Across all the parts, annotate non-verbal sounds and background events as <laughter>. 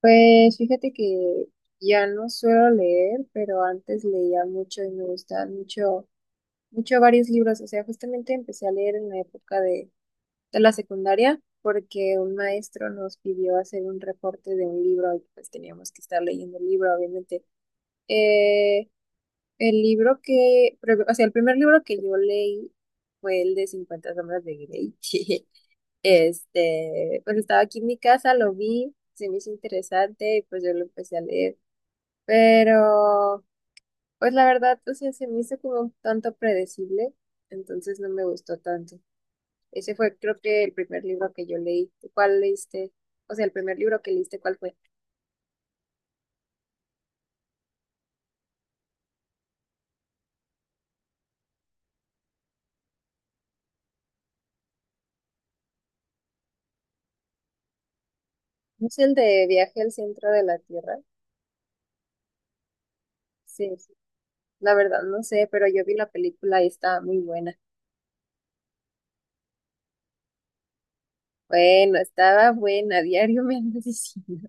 Pues fíjate que ya no suelo leer, pero antes leía mucho y me gustaban mucho varios libros. O sea, justamente empecé a leer en la época de la secundaria porque un maestro nos pidió hacer un reporte de un libro y pues teníamos que estar leyendo el libro, obviamente. Eh, el primer libro que yo leí fue el de 50 sombras de Grey. <laughs> Pues estaba aquí en mi casa, lo vi, se me hizo interesante y pues yo lo empecé a leer. Pero pues la verdad, o sea, se me hizo como un tanto predecible, entonces no me gustó tanto. Ese fue, creo, que el primer libro que yo leí. ¿Cuál leíste? O sea, el primer libro que leíste, ¿cuál fue? ¿No es el de Viaje al Centro de la Tierra? Sí, sí, la verdad no sé, pero yo vi la película y estaba muy buena. Bueno, estaba buena, <laughs> diario me andas diciendo.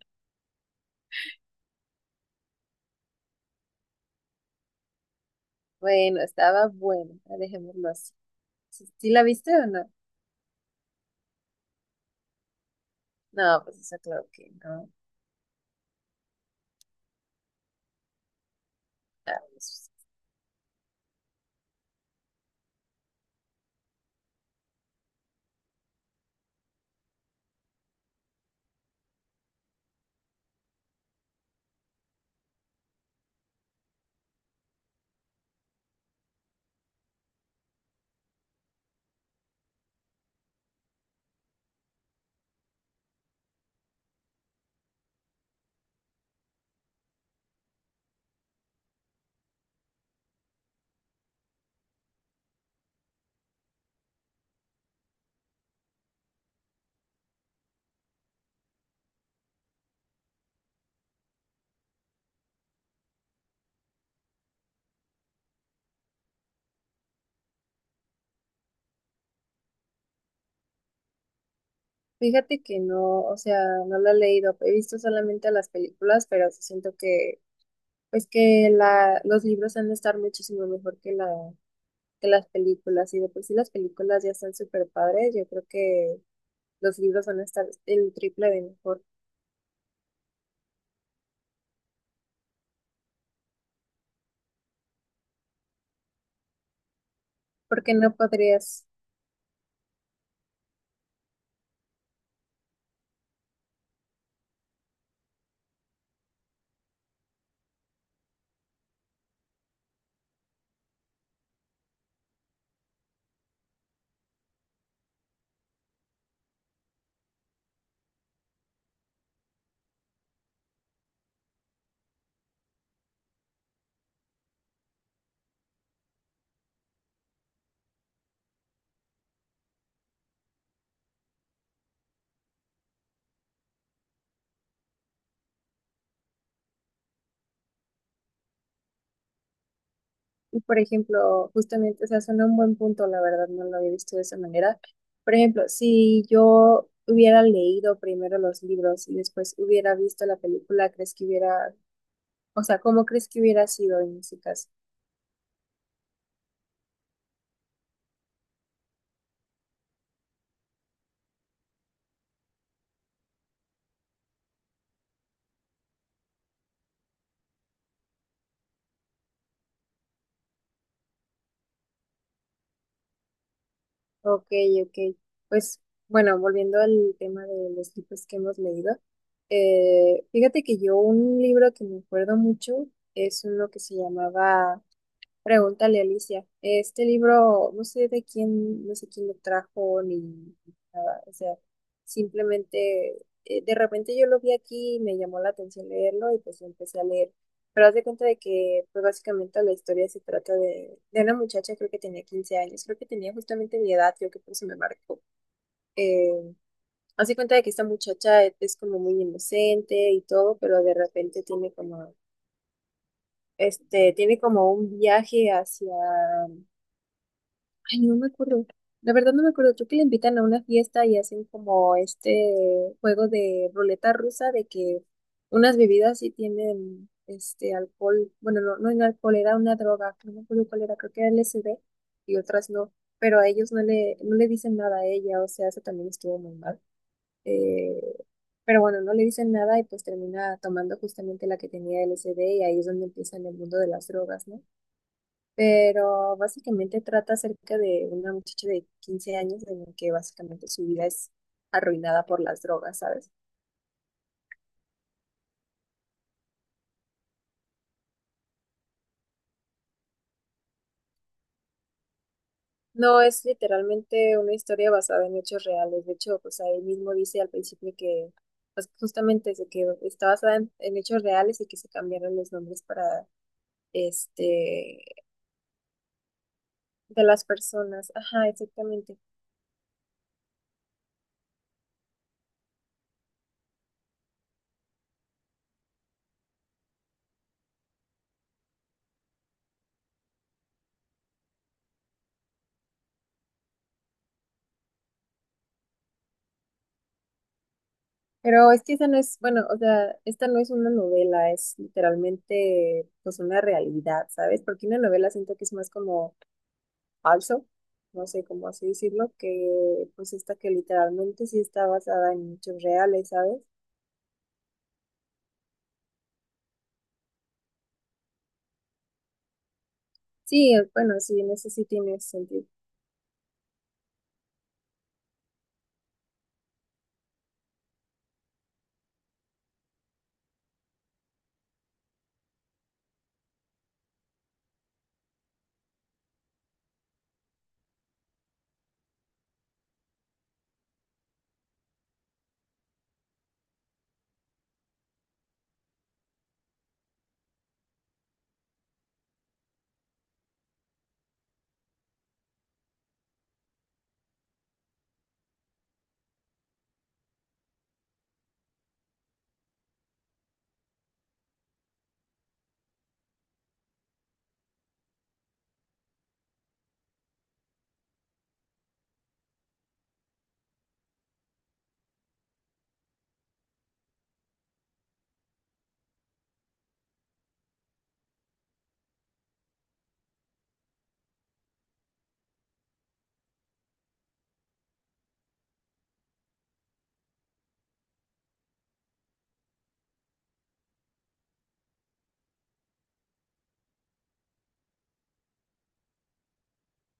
Bueno, estaba buena, ah, dejémoslo así. ¿Sí, sí la viste o no? No, pues eso claro que no. Ah, pues, fíjate que no, o sea, no la he leído, he visto solamente las películas, pero sí siento que, pues que los libros han de estar muchísimo mejor que que las películas, y de por sí las películas ya están súper padres, yo creo que los libros van a estar el triple de mejor, porque no podrías, y por ejemplo, justamente, o sea, suena un buen punto, la verdad, no lo había visto de esa manera. Por ejemplo, si yo hubiera leído primero los libros y después hubiera visto la película, ¿crees que hubiera... O sea, ¿cómo crees que hubiera sido en ese caso? Ok, ok. Pues bueno, volviendo al tema de los libros que hemos leído, fíjate que yo un libro que me acuerdo mucho es uno que se llamaba Pregúntale, Alicia. Este libro, no sé de quién, no sé quién lo trajo ni nada. O sea, simplemente de repente yo lo vi aquí y me llamó la atención leerlo y pues lo empecé a leer. Pero haz de cuenta de que pues básicamente la historia se trata de una muchacha, creo que tenía 15 años, creo que tenía justamente mi edad, creo que por eso me marcó. Eh, Haz de cuenta de que esta muchacha es como muy inocente y todo, pero de repente tiene como, tiene como un viaje hacia... Ay, no me acuerdo. La verdad no me acuerdo. Creo que le invitan a una fiesta y hacen como este juego de ruleta rusa de que unas bebidas sí tienen este alcohol. Bueno, no, no era alcohol, era una droga. No me acuerdo cuál era, creo que era LSD y otras no. Pero a ellos no le dicen nada a ella, o sea, eso también estuvo muy mal. Eh, pero bueno, no le dicen nada y pues termina tomando justamente la que tenía LSD y ahí es donde empieza en el mundo de las drogas, ¿no? Pero básicamente trata acerca de una muchacha de 15 años, en el que básicamente su vida es arruinada por las drogas, ¿sabes? No, es literalmente una historia basada en hechos reales, de hecho, pues ahí mismo dice al principio que pues justamente es de que está basada en hechos reales y que se cambiaron los nombres para este de las personas. Ajá, exactamente. Pero es que esa no es, bueno, o sea, esta no es una novela, es literalmente pues una realidad, ¿sabes? Porque una novela siento que es más como falso, no sé cómo así decirlo, que pues esta que literalmente sí está basada en hechos reales, ¿sabes? Sí, bueno, sí, en eso sí tiene sentido.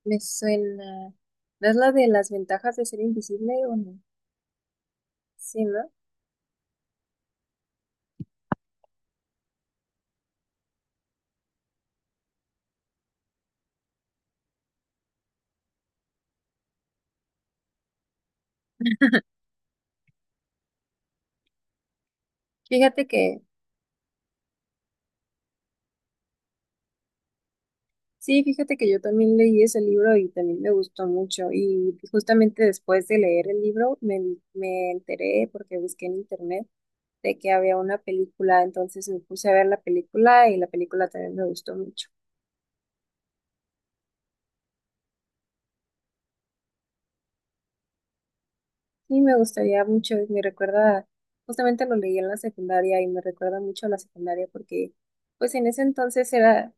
Me suena. ¿No es la de las ventajas de ser invisible o no? Sí, ¿no? Fíjate que... Sí, fíjate que yo también leí ese libro y también me gustó mucho. Y justamente después de leer el libro me, me enteré porque busqué en internet de que había una película, entonces me puse a ver la película y la película también me gustó mucho. Sí, me gustaría mucho, y me recuerda, justamente lo leí en la secundaria y me recuerda mucho a la secundaria porque, pues en ese entonces era,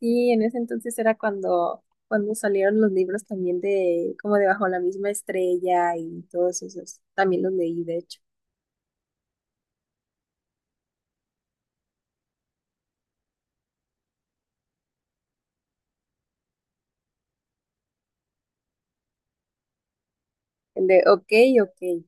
sí, en ese entonces era cuando, cuando salieron los libros también de, como de Bajo la misma estrella y todos esos, también los leí de hecho, el de ok, ok,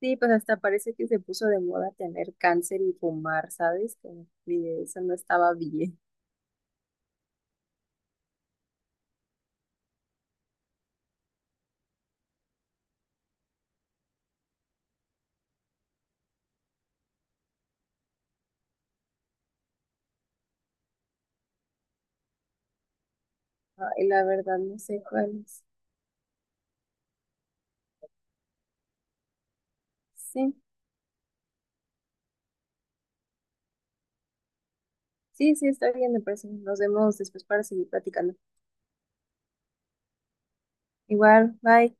sí, pues hasta parece que se puso de moda tener cáncer y fumar, ¿sabes? Como que eso no estaba bien. Ah, y la verdad no sé cuál es, sí. Sí, sí, está bien, me parece. Nos vemos después para seguir platicando. Igual, bye.